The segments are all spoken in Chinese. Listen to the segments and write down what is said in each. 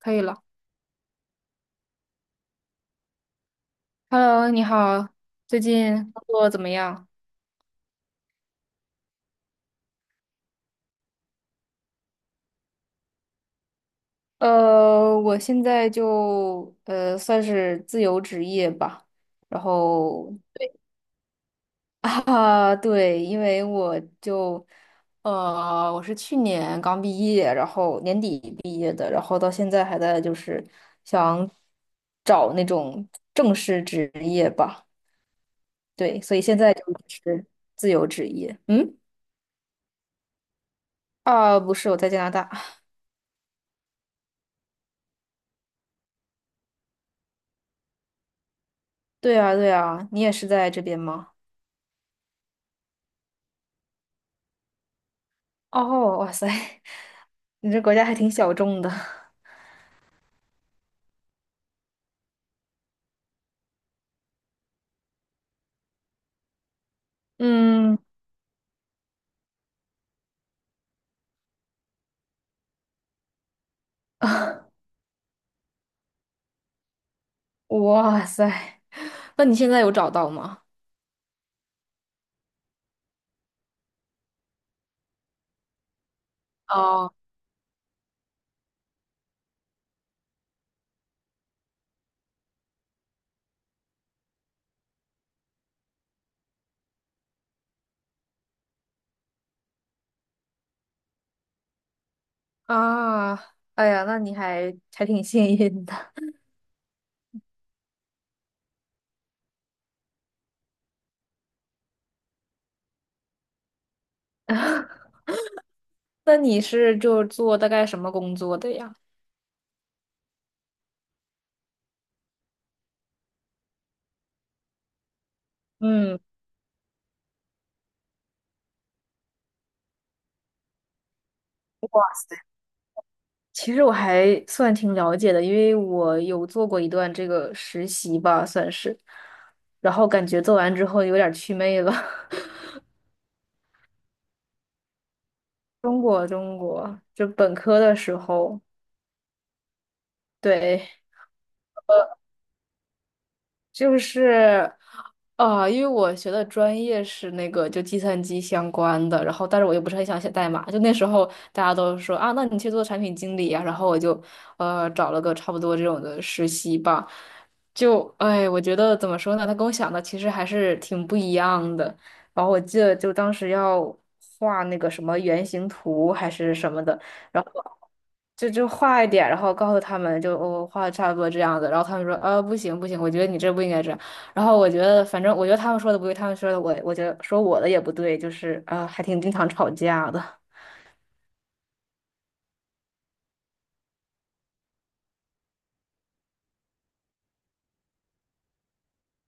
可以了。Hello，你好，最近工作怎么样？我现在就算是自由职业吧，然后 啊，对，因为我就我是去年刚毕业，然后年底毕业的，然后到现在还在就是想找那种正式职业吧，对，所以现在就是自由职业。嗯，啊，不是，我在加拿大。对啊，对啊，你也是在这边吗？哦，哇塞，你这国家还挺小众的。嗯，哇塞，那你现在有找到吗？哦，啊，哎呀，那你还挺幸运的。那你是就做大概什么工作的呀？嗯，其实我还算挺了解的，因为我有做过一段这个实习吧，算是。然后感觉做完之后有点儿祛魅了。中国，中国，就本科的时候，对。就是，啊、因为我学的专业是那个就计算机相关的，然后但是我又不是很想写代码，就那时候大家都说啊，那你去做产品经理呀、然后我就找了个差不多这种的实习吧，就哎，我觉得怎么说呢，他跟我想的其实还是挺不一样的。然后我记得就当时要画那个什么原型图还是什么的，然后就画一点，然后告诉他们就我、画的差不多这样子，然后他们说啊不行不行，我觉得你这不应该这样。然后我觉得反正我觉得他们说的不对，他们说的我觉得说我的也不对，就是啊、还挺经常吵架的。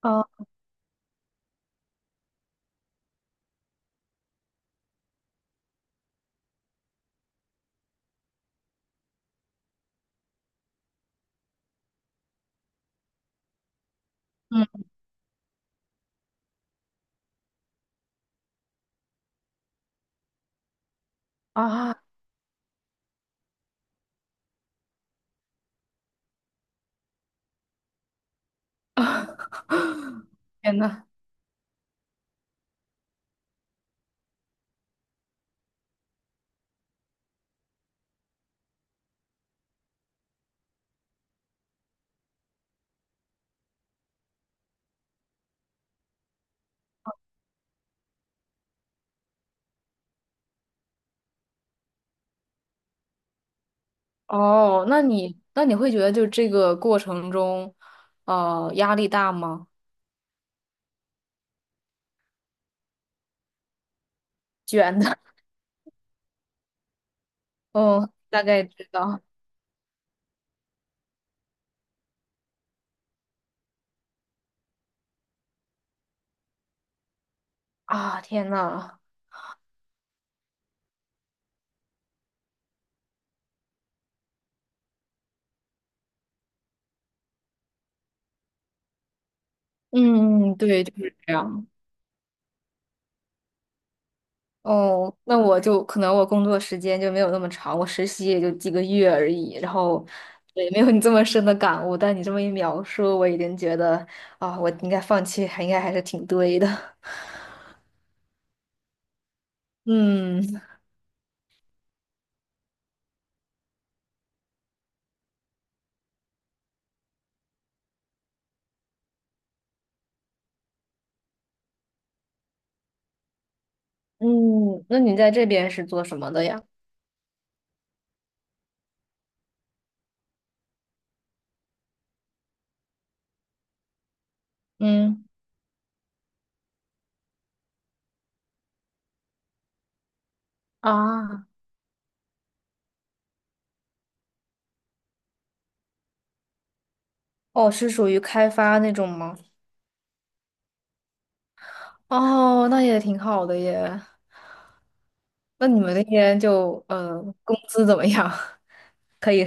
哦，嗯啊啊！天呐，哦，那你会觉得就这个过程中，压力大吗？卷的，嗯，大概知道啊。天呐，嗯，对，就是这样。哦，那我就可能我工作时间就没有那么长，我实习也就几个月而已，然后也没有你这么深的感悟。但你这么一描述，我已经觉得啊，我应该放弃，还应该还是挺对的。嗯嗯，那你在这边是做什么的呀？嗯啊，哦，是属于开发那种吗？哦，那也挺好的耶。那你们那边就工资怎么样？可以。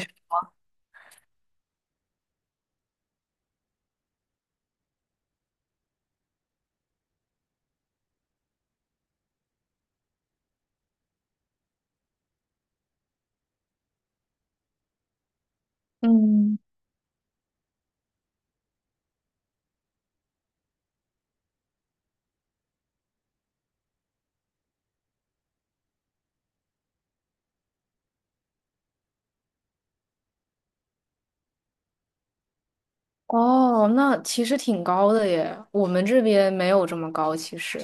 嗯。哦，那其实挺高的耶，我们这边没有这么高。其实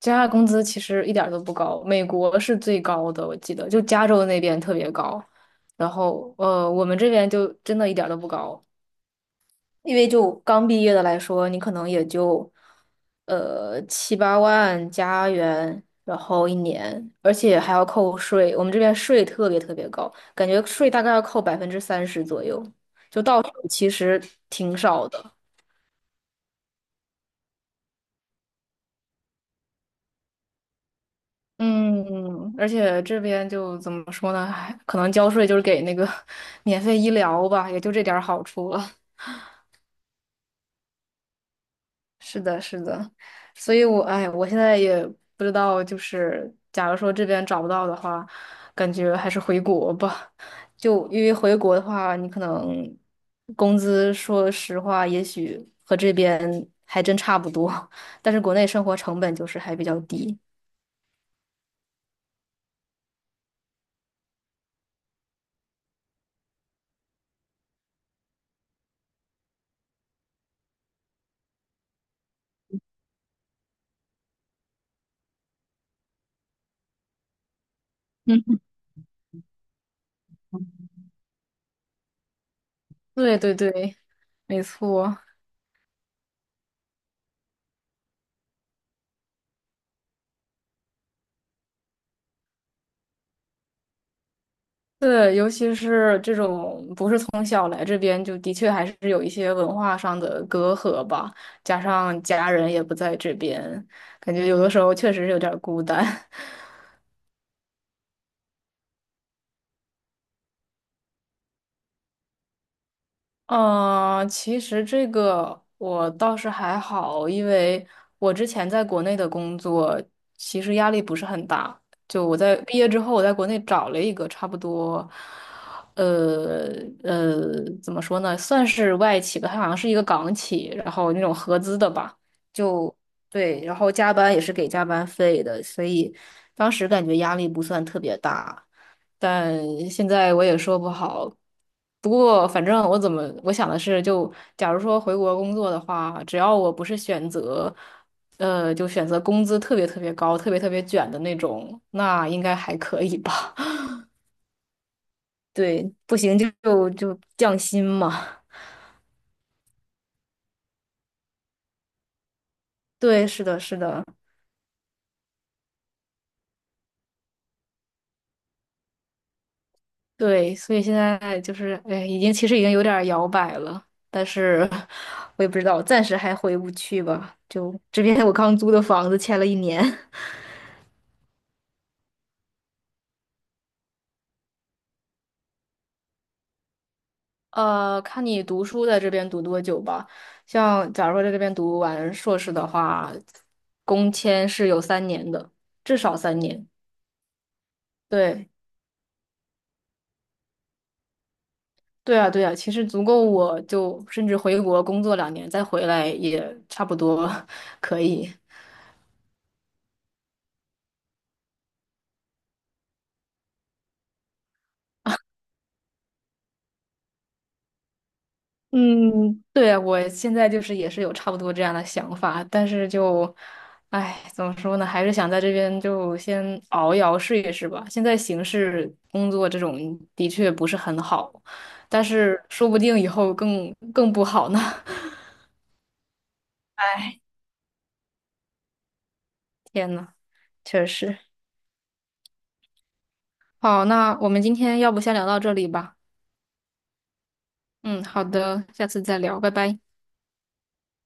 加拿大工资其实一点儿都不高，美国是最高的，我记得就加州那边特别高，然后我们这边就真的一点儿都不高，因为就刚毕业的来说，你可能也就七八万加元，然后一年，而且还要扣税，我们这边税特别特别高，感觉税大概要扣30%左右，就到手其实挺少的。嗯，而且这边就怎么说呢，还可能交税就是给那个 免费医疗吧，也就这点儿好处了。是的，是的，所以我，哎，我现在也不知道，就是假如说这边找不到的话，感觉还是回国吧。就因为回国的话，你可能工资，说实话，也许和这边还真差不多，但是国内生活成本就是还比较低。嗯，对对对，没错。对，尤其是这种不是从小来这边，就的确还是有一些文化上的隔阂吧，加上家人也不在这边，感觉有的时候确实是有点儿孤单。嗯，其实这个我倒是还好，因为我之前在国内的工作其实压力不是很大。就我在毕业之后，我在国内找了一个差不多，呃怎么说呢，算是外企吧，它好像是一个港企，然后那种合资的吧，就对，然后加班也是给加班费的，所以当时感觉压力不算特别大。但现在我也说不好。不过，反正我怎么我想的是，就假如说回国工作的话，只要我不是选择，就选择工资特别特别高、特别特别卷的那种，那应该还可以吧？对，不行就降薪嘛。对，是的，是的，对，所以现在就是，哎，已经其实已经有点儿摇摆了，但是我也不知道，暂时还回不去吧。就这边我刚租的房子签了一年。看你读书在这边读多久吧。像假如说在这边读完硕士的话，工签是有三年的，至少三年。对，对啊，对啊，其实足够我就甚至回国工作2年，再回来也差不多 可以。嗯，对，我现在就是也是有差不多这样的想法，但是就，哎，怎么说呢，还是想在这边就先熬一熬试一试吧。现在形势工作这种的确不是很好，但是说不定以后更不好呢。哎，天呐，确实。好，那我们今天要不先聊到这里吧。嗯，好的，下次再聊，拜拜。